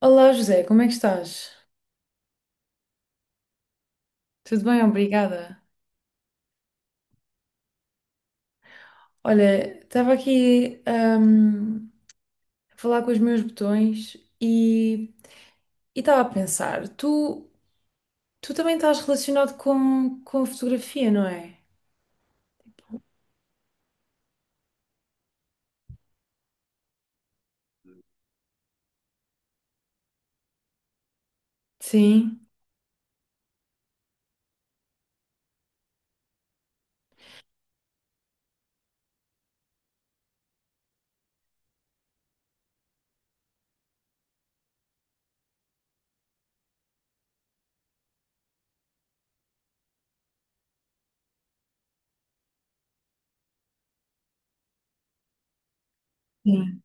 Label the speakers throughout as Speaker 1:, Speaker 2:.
Speaker 1: Olá José, como é que estás? Tudo bem, obrigada. Olha, estava aqui a falar com os meus botões e estava a pensar, tu também estás relacionado com a fotografia, não é? Sim. Sim,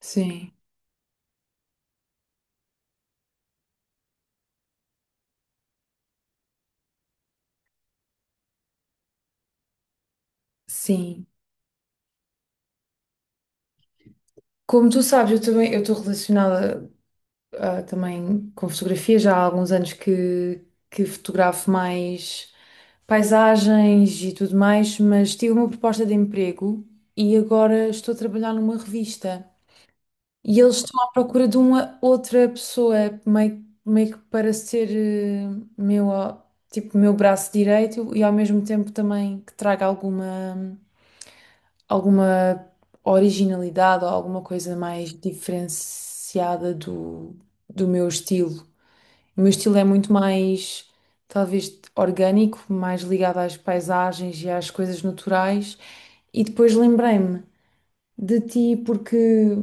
Speaker 1: sim, sim. Como tu sabes, eu também eu estou relacionada também com fotografia, já há alguns anos que fotografo mais paisagens e tudo mais, mas tive uma proposta de emprego e agora estou a trabalhar numa revista. E eles estão à procura de uma outra pessoa, meio que para ser meu, ó, tipo, meu braço direito e ao mesmo tempo também que traga alguma originalidade ou alguma coisa mais diferenciada do meu estilo. O meu estilo é muito mais, talvez, orgânico, mais ligado às paisagens e às coisas naturais. E depois lembrei-me de ti porque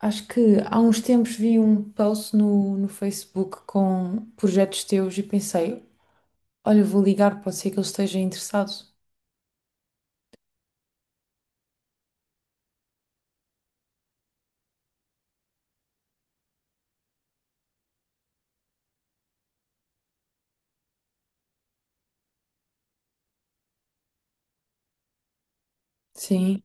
Speaker 1: acho que há uns tempos vi um post no Facebook com projetos teus e pensei, olha, vou ligar, pode ser que ele esteja interessado. Sim.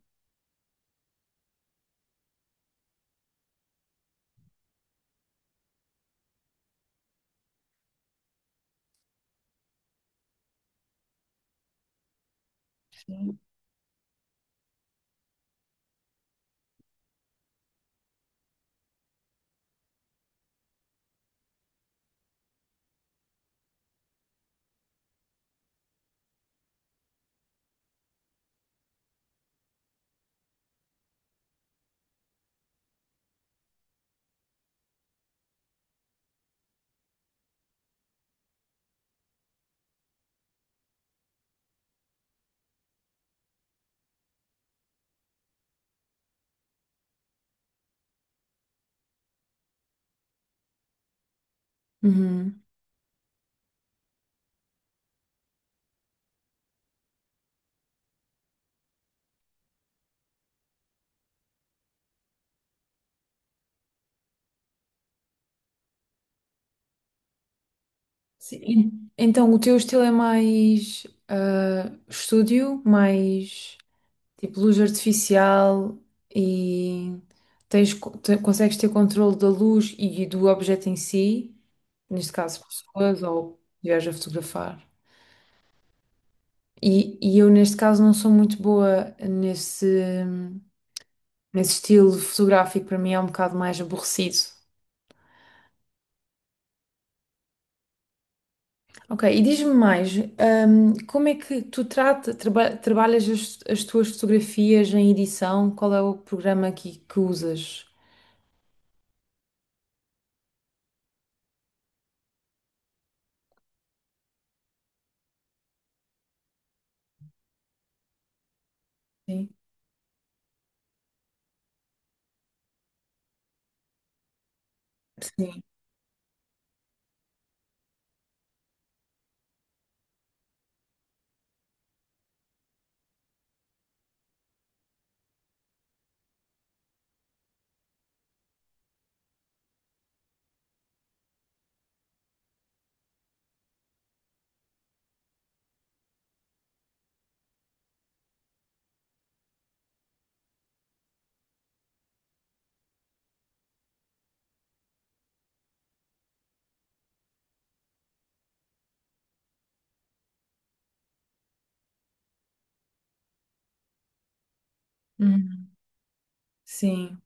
Speaker 1: Uhum. Sim. Então, o teu estilo é mais estúdio, mais, tipo luz artificial e consegues ter controle da luz e do objeto em si, neste caso pessoas ou viajas a fotografar. E eu neste caso não sou muito boa nesse estilo fotográfico, para mim é um bocado mais aborrecido. Ok, e diz-me mais, como é que trabalhas as tuas fotografias em edição? Qual é o programa que usas? Sim. Sim. Uhum. Sim.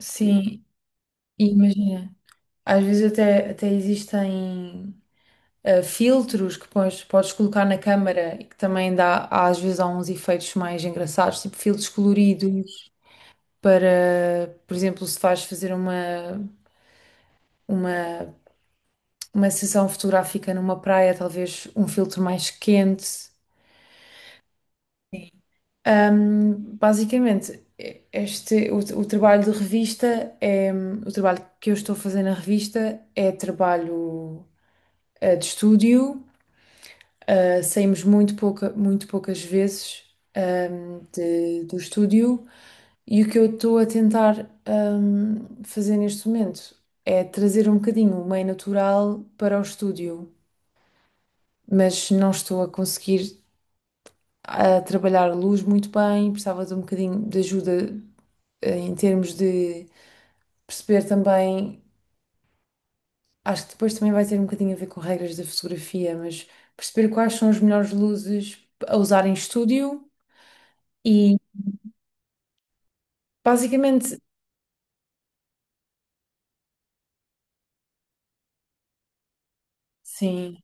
Speaker 1: Sim, e imagina. Às vezes até existem filtros que podes colocar na câmara e que também dá, há- às vezes há uns efeitos mais engraçados, tipo filtros coloridos para, por exemplo, se vais fazer uma, uma sessão fotográfica numa praia, talvez um filtro mais quente. Sim. Basicamente, o trabalho de revista é, o trabalho que eu estou a fazer na revista é trabalho de estúdio. Saímos muito poucas vezes do estúdio e o que eu estou a tentar fazer neste momento é trazer um bocadinho o meio natural para o estúdio, mas não estou a conseguir a trabalhar a luz muito bem, precisava de um bocadinho de ajuda em termos de perceber também, acho que depois também vai ter um bocadinho a ver com regras da fotografia, mas perceber quais são as melhores luzes a usar em estúdio. E basicamente, sim,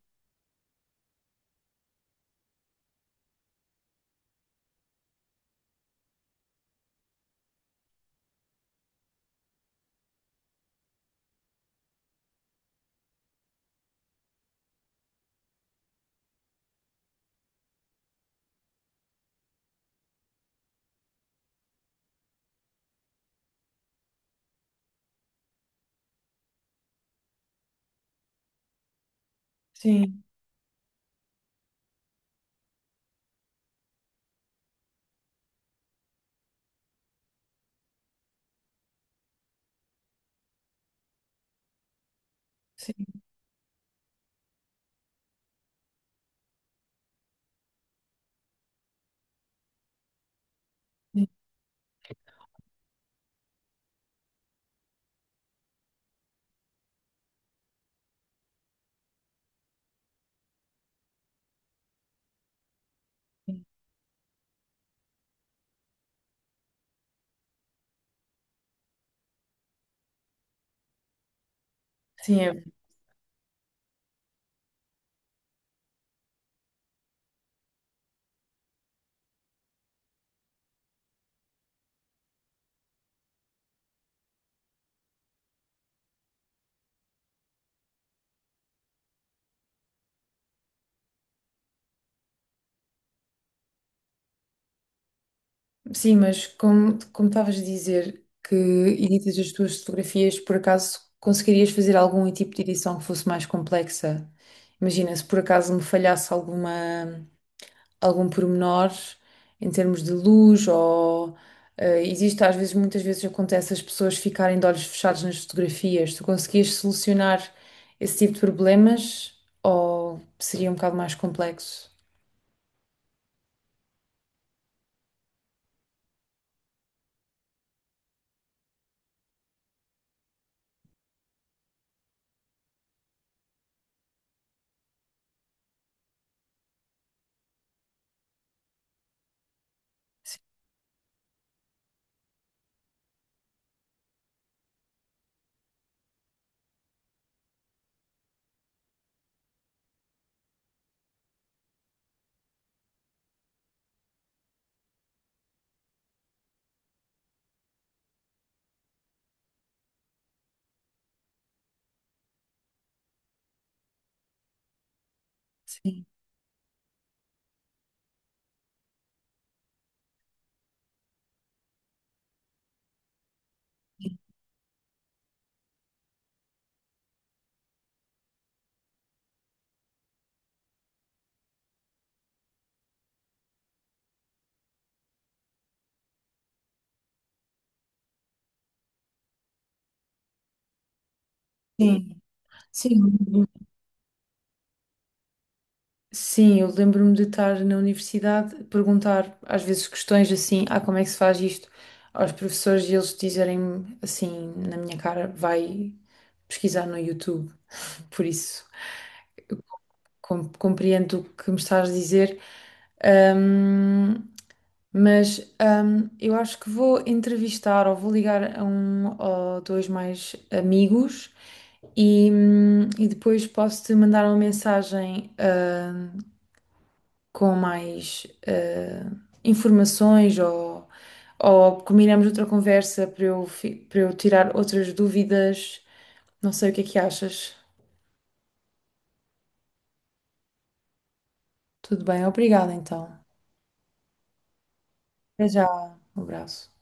Speaker 1: sim, sim, sim, sim, sim, é- sim, mas como, como estavas a dizer que editas as tuas fotografias, por acaso conseguirias fazer algum tipo de edição que fosse mais complexa? Imagina, se por acaso me falhasse alguma, algum pormenor em termos de luz ou existe às vezes, muitas vezes acontece as pessoas ficarem de olhos fechados nas fotografias. Tu conseguias solucionar esse tipo de problemas ou seria um bocado mais complexo? Sim, sim, sim. Sim, eu lembro-me de estar na universidade, perguntar às vezes questões assim, ah, como é que se faz isto? Aos professores e eles dizerem assim, na minha cara, vai pesquisar no YouTube. Por isso, com- compreendo o que me estás a dizer, ahm, mas eu acho que vou entrevistar ou vou ligar a um ou dois mais amigos e e depois posso-te mandar uma mensagem com mais informações ou combinamos outra conversa para para eu tirar outras dúvidas. Não sei o que é que achas. Tudo bem, obrigada então. Até já, um abraço.